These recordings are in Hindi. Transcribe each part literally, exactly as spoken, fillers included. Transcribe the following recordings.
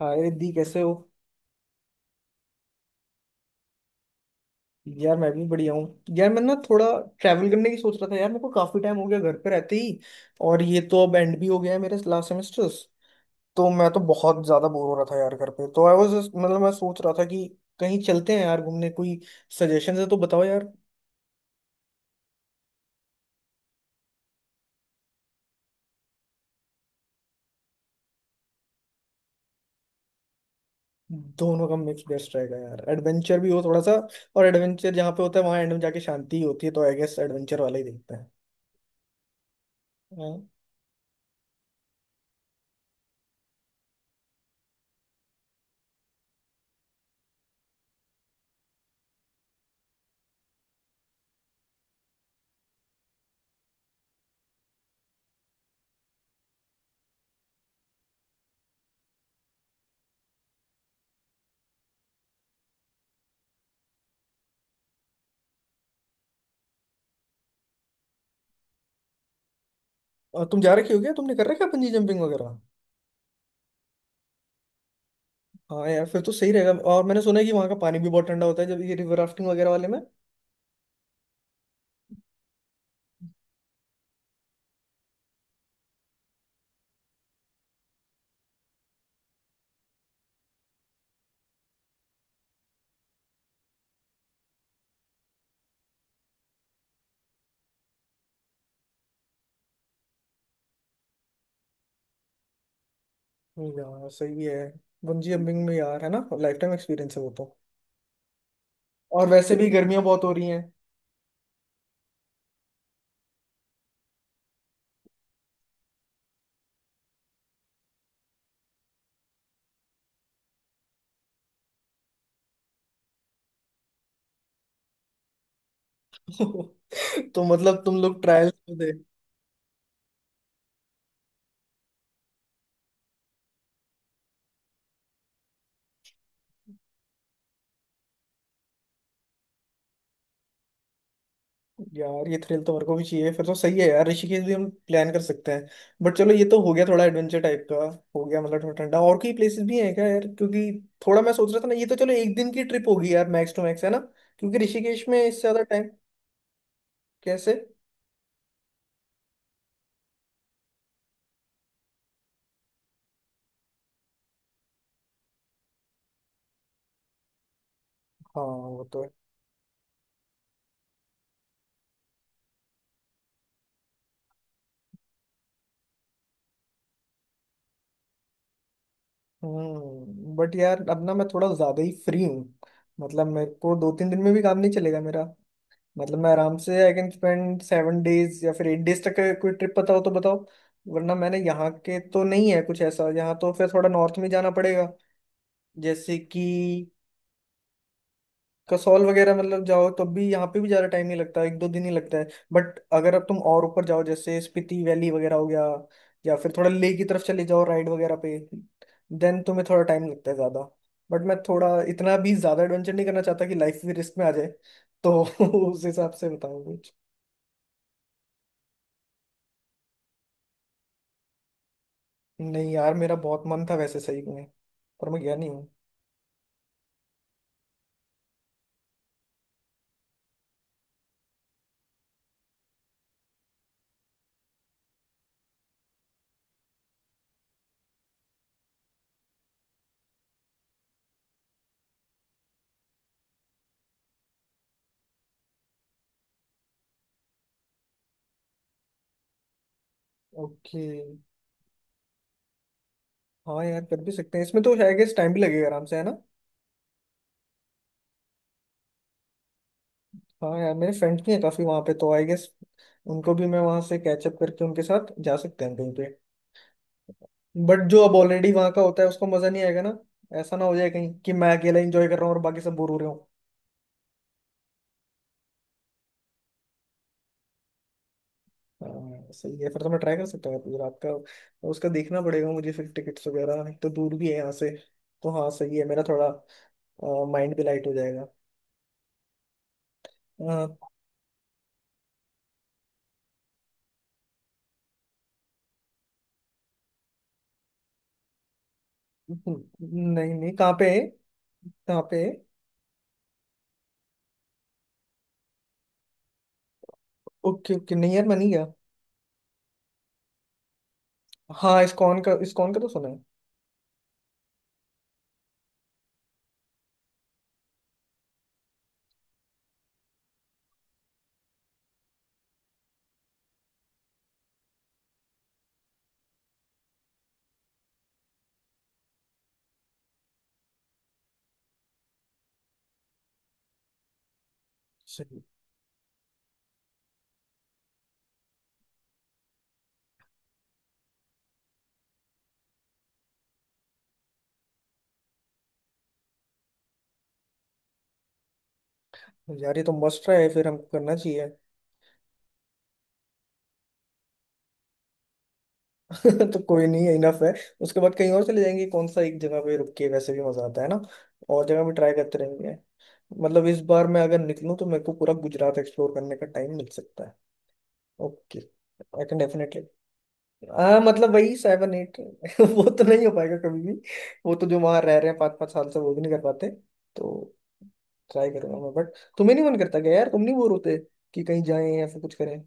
हाय दी, कैसे हो। यार मैं भी बढ़िया हूँ यार। मैं ना थोड़ा ट्रैवल करने की सोच रहा था यार, मेरे को काफी टाइम हो गया घर पे रहते ही। और ये तो अब एंड भी हो गया है मेरे लास्ट सेमेस्टर्स। तो मैं तो बहुत ज्यादा बोर हो रहा था यार घर पे, तो आई वाज मतलब मैं सोच रहा था कि कहीं चलते हैं यार घूमने। कोई सजेशन है तो बताओ यार। दोनों का मिक्स बेस्ट रहेगा यार, एडवेंचर भी हो थोड़ा सा। और एडवेंचर जहाँ पे होता है वहाँ एंड में जाके शांति ही होती है, तो आई गेस एडवेंचर वाला ही देखते हैं। हाँ। और तुम जा रखे हो क्या, तुमने कर रखा है बंजी जंपिंग वगैरह। हाँ यार, फिर तो सही रहेगा। और मैंने सुना है कि वहाँ का पानी भी बहुत ठंडा होता है जब ये रिवर राफ्टिंग वगैरह वाले में। यार सही है। बंजी जंपिंग में यार, है ना, लाइफ टाइम एक्सपीरियंस है वो तो। और वैसे भी गर्मियाँ बहुत हो रही हैं। तो मतलब तुम लोग ट्रायल दे। यार ये थ्रिल तो मेरे को भी चाहिए, फिर तो सही है यार, ऋषिकेश भी हम प्लान कर सकते हैं। बट चलो, ये तो हो गया थोड़ा एडवेंचर टाइप का, हो गया मतलब थोड़ा ठंडा। और कोई प्लेसेस भी हैं क्या यार, क्योंकि थोड़ा मैं सोच रहा था ना, ये तो चलो एक दिन की ट्रिप होगी यार, मैक्स टू मैक्स, है ना, क्योंकि ऋषिकेश में इससे ज्यादा टाइम। कैसे? हाँ वो तो। हम्म, बट यार अब ना मैं थोड़ा ज्यादा ही फ्री हूँ। मतलब मेरे को दो तीन दिन में भी काम नहीं चलेगा मेरा। मतलब मैं आराम से I can spend seven days या फिर एट डेज तक का, कोई ट्रिप पता हो तो बताओ। वरना मैंने यहाँ के तो नहीं है कुछ ऐसा, यहाँ तो फिर थोड़ा नॉर्थ में जाना पड़ेगा, जैसे कि कसौल वगैरह। मतलब जाओ तब भी यहाँ पे भी ज्यादा टाइम नहीं लगता, एक दो दिन ही लगता है। बट अगर अब तुम और ऊपर जाओ, जैसे स्पीति वैली वगैरह हो गया, या फिर थोड़ा लेह की तरफ चले जाओ राइड वगैरह पे, देन तुम्हें थोड़ा टाइम लगता है ज्यादा। बट मैं थोड़ा इतना भी ज्यादा एडवेंचर नहीं करना चाहता कि लाइफ भी रिस्क में आ जाए, तो उस हिसाब से बताऊँ कुछ। नहीं यार, मेरा बहुत मन था वैसे सही में, पर मैं गया नहीं हूँ। ओके। हाँ यार, कर भी सकते हैं, इसमें तो आई गेस टाइम भी लगेगा आराम से, है ना। हाँ यार, मेरे फ्रेंड्स भी हैं काफी वहां पे, तो आई गेस उनको भी मैं वहां से कैचअप करके उनके साथ जा सकते हैं कहीं पे। बट जो अब ऑलरेडी वहां का होता है उसको मजा नहीं आएगा ना। ऐसा ना हो जाए कहीं कि मैं अकेला एंजॉय कर रहा हूँ और बाकी सब बोर हो रहे हो। हाँ सही है, फिर तो मैं ट्राई कर सकता हूँ गुजरात का। उसका देखना पड़ेगा मुझे फिर, टिकट्स वगैरह, एक तो दूर भी है यहाँ से। तो हाँ सही है, मेरा थोड़ा माइंड भी लाइट हो जाएगा। अ, नहीं नहीं, कहाँ पे है, कहाँ पे है। ओके ओके, नहीं यार मैं नहीं गया। हाँ, इस्कॉन का, इस्कॉन का तो सुना है। यार ये तो मस्ट है, फिर हमको करना चाहिए। तो कोई नहीं, है इनफ है, उसके बाद कहीं और चले जाएंगे, कौन सा एक जगह पे रुक के वैसे भी मजा आता है ना, और जगह भी ट्राई करते रहेंगे। मतलब इस बार मैं अगर निकलूं तो मेरे को पूरा गुजरात एक्सप्लोर करने का टाइम मिल सकता है। Okay, I can definitely. हाँ मतलब, वही सेवन एट वो तो नहीं हो पाएगा कभी भी। वो तो जो वहां रह रहे हैं पाँच पाँच साल से वो भी नहीं कर पाते तो। ट्राई करूंगा मैं, बट तुम्हें नहीं मन करता क्या यार, तुम नहीं बोर होते कि कहीं जाएं या फिर कुछ करें।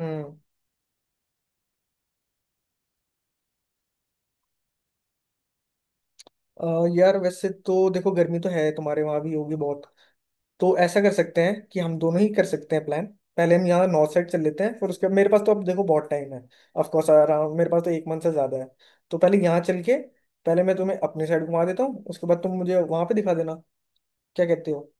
हम्म। अ, यार वैसे तो देखो, गर्मी तो है, तुम्हारे वहां भी होगी बहुत। तो ऐसा कर सकते हैं कि हम दोनों ही कर सकते हैं प्लान। पहले हम यहाँ नॉर्थ साइड चल लेते हैं, फिर उसके, मेरे पास तो अब देखो बहुत टाइम है, ऑफ कोर्स अराउंड मेरे पास तो एक मंथ से ज्यादा है। तो पहले यहाँ चल के, पहले मैं तुम्हें अपनी साइड घुमा देता हूँ, उसके बाद तुम मुझे वहां पे दिखा देना। क्या कहते हो?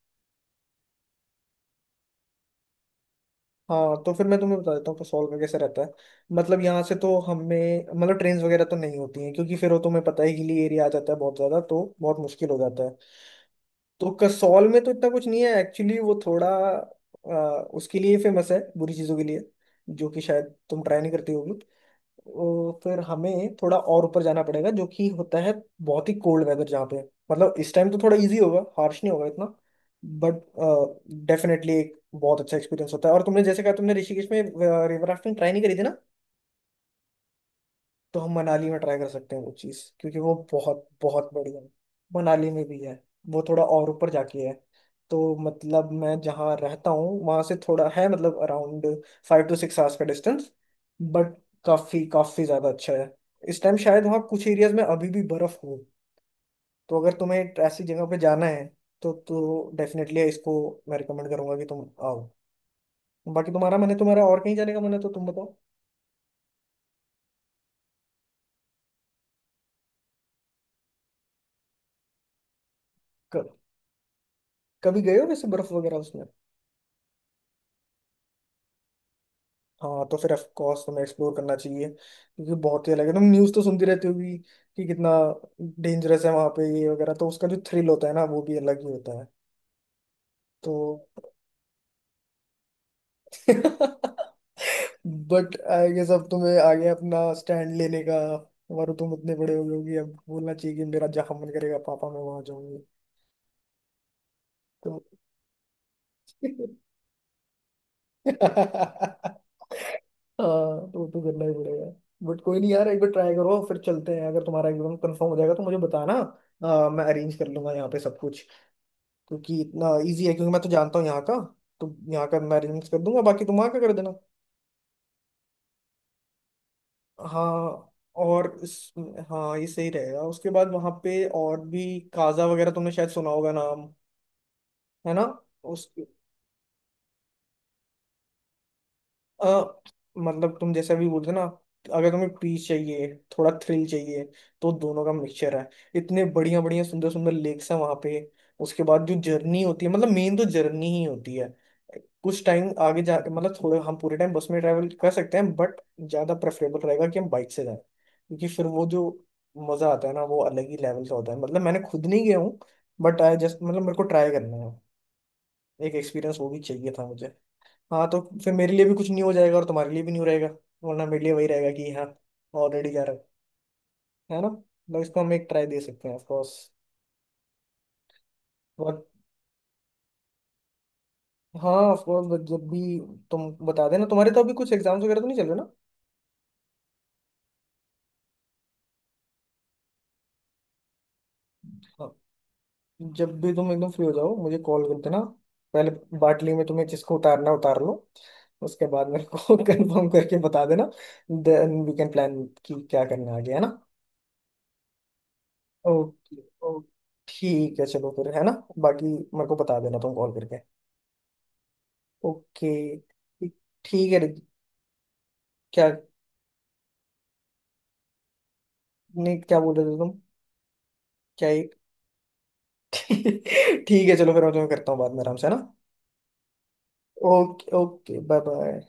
हाँ तो फिर मैं तुम्हें बता देता हूँ कसौल का कैसे रहता है। मतलब यहाँ से तो हमें मतलब ट्रेन वगैरह तो नहीं होती हैं, क्योंकि फिर वो तुम्हें पता है, हिली एरिया आ जाता है बहुत ज्यादा, तो बहुत मुश्किल हो जाता है। तो कसौल में तो इतना कुछ नहीं है एक्चुअली, वो थोड़ा आ, उसके लिए फेमस है बुरी चीजों के लिए, जो कि शायद तुम ट्राई नहीं करती होगी। तो फिर हमें थोड़ा और ऊपर जाना पड़ेगा, जो कि होता है बहुत ही कोल्ड वेदर जहाँ पे। मतलब इस टाइम तो थोड़ा इजी होगा, हार्श नहीं होगा इतना, बट डेफिनेटली एक बहुत अच्छा एक्सपीरियंस होता है। और तुमने जैसे कहा, तुमने ऋषिकेश में रिवर राफ्टिंग ट्राई नहीं करी थी ना, तो हम मनाली में ट्राई कर सकते हैं वो चीज़, क्योंकि वो बहुत बहुत बढ़िया है। मनाली में भी है, वो थोड़ा और ऊपर जाके है। तो मतलब मैं जहाँ रहता हूँ वहाँ से थोड़ा है, मतलब around five to six hours का डिस्टेंस, बट काफ़ी काफ़ी ज़्यादा अच्छा है। इस टाइम शायद वहाँ कुछ एरियाज में अभी भी बर्फ़ हो, तो अगर तुम्हें ऐसी जगह पे जाना है तो तो डेफिनेटली इसको मैं रिकमेंड करूंगा कि तुम आओ। बाकी तुम्हारा मन है, तुम्हारा और कहीं जाने का मन है तो तुम बताओ। क- कभी गए हो वैसे बर्फ़ वगैरह उसमें? हाँ तो फिर ऑफ कोर्स तुम्हें एक्सप्लोर करना चाहिए, क्योंकि बहुत ही अलग है। तुम न्यूज़ तो सुनती रहती होगी कि कितना डेंजरस है वहां पे ये वगैरह, तो उसका जो थ्रिल होता है ना, वो भी अलग ही होता है। तो बट आई गेस अब तुम्हें आगे अपना स्टैंड लेने का, और तुम इतने बड़े हो गए होगे, अब बोलना चाहिए कि मेरा जहाँ मन करेगा पापा मैं वहां जाऊंगी। तो हाँ, वो तो करना ही पड़ेगा। बट कोई नहीं यार, एक बार ट्राई करो, फिर चलते हैं। अगर तुम्हारा एग्जाम कंफर्म हो जाएगा तो मुझे बताना, अ, मैं अरेंज कर लूंगा यहाँ पे सब कुछ, क्योंकि इतना इजी है, क्योंकि मैं तो जानता हूँ यहाँ का। तो यहाँ का मैं अरेंज कर दूंगा, बाकी तुम वहाँ का कर देना। हाँ, और इस, हाँ ये सही रहेगा। उसके बाद वहाँ पे और भी काजा वगैरह तुमने शायद सुना होगा नाम, है ना। उस, अ, मतलब तुम जैसे अभी बोलते ना, अगर तुम्हें पीस चाहिए, थोड़ा थ्रिल चाहिए, तो दोनों का मिक्सचर है। इतने बढ़िया बढ़िया सुंदर सुंदर लेक्स हैं वहां पे। उसके बाद जो जर्नी होती है, मतलब मेन तो जर्नी ही होती है। कुछ टाइम आगे जा मतलब, थोड़े हम पूरे टाइम बस में ट्रैवल कर सकते हैं, बट ज्यादा प्रेफरेबल रहेगा कि हम बाइक से जाएं, क्योंकि फिर वो जो मजा आता है ना वो अलग ही लेवल का होता है। मतलब मैंने खुद नहीं गया हूँ, बट आई जस्ट मतलब मेरे को ट्राई करना है, एक एक्सपीरियंस वो भी चाहिए था। हाँ तो फिर मेरे लिए भी कुछ नहीं हो जाएगा और तुम्हारे लिए भी नहीं हो रहेगा, वरना मेरे लिए वही रहेगा कि हाँ ऑलरेडी जा रहा है है ना। मतलब इसको हम एक ट्राई दे सकते हैं ऑफकोर्स, बट हाँ ऑफकोर्स। बट जब भी तुम बता देना, तुम्हारे तो अभी कुछ एग्जाम्स वगैरह तो नहीं चल रहे ना। हाँ, जब भी तुम एकदम फ्री हो जाओ मुझे कॉल कर देना। पहले बाटली में तुम्हें जिसको उतारना है, उतार लो, उसके बाद मेरे को कंफर्म करके बता देना। देन वी कैन प्लान कि क्या करना आगे, है ना। ओके, ओके, ठीक है, चलो फिर, है ना। बाकी मेरे को बता देना, तुम कॉल करके। ओके, ठीक, ठीक है रिद्धि। क्या? नहीं, क्या बोल रहे थे तुम? क्या एक? ठीक है चलो, फिर मैं तुम्हें करता हूँ बाद में आराम से, है ना। Okay, okay, bye bye.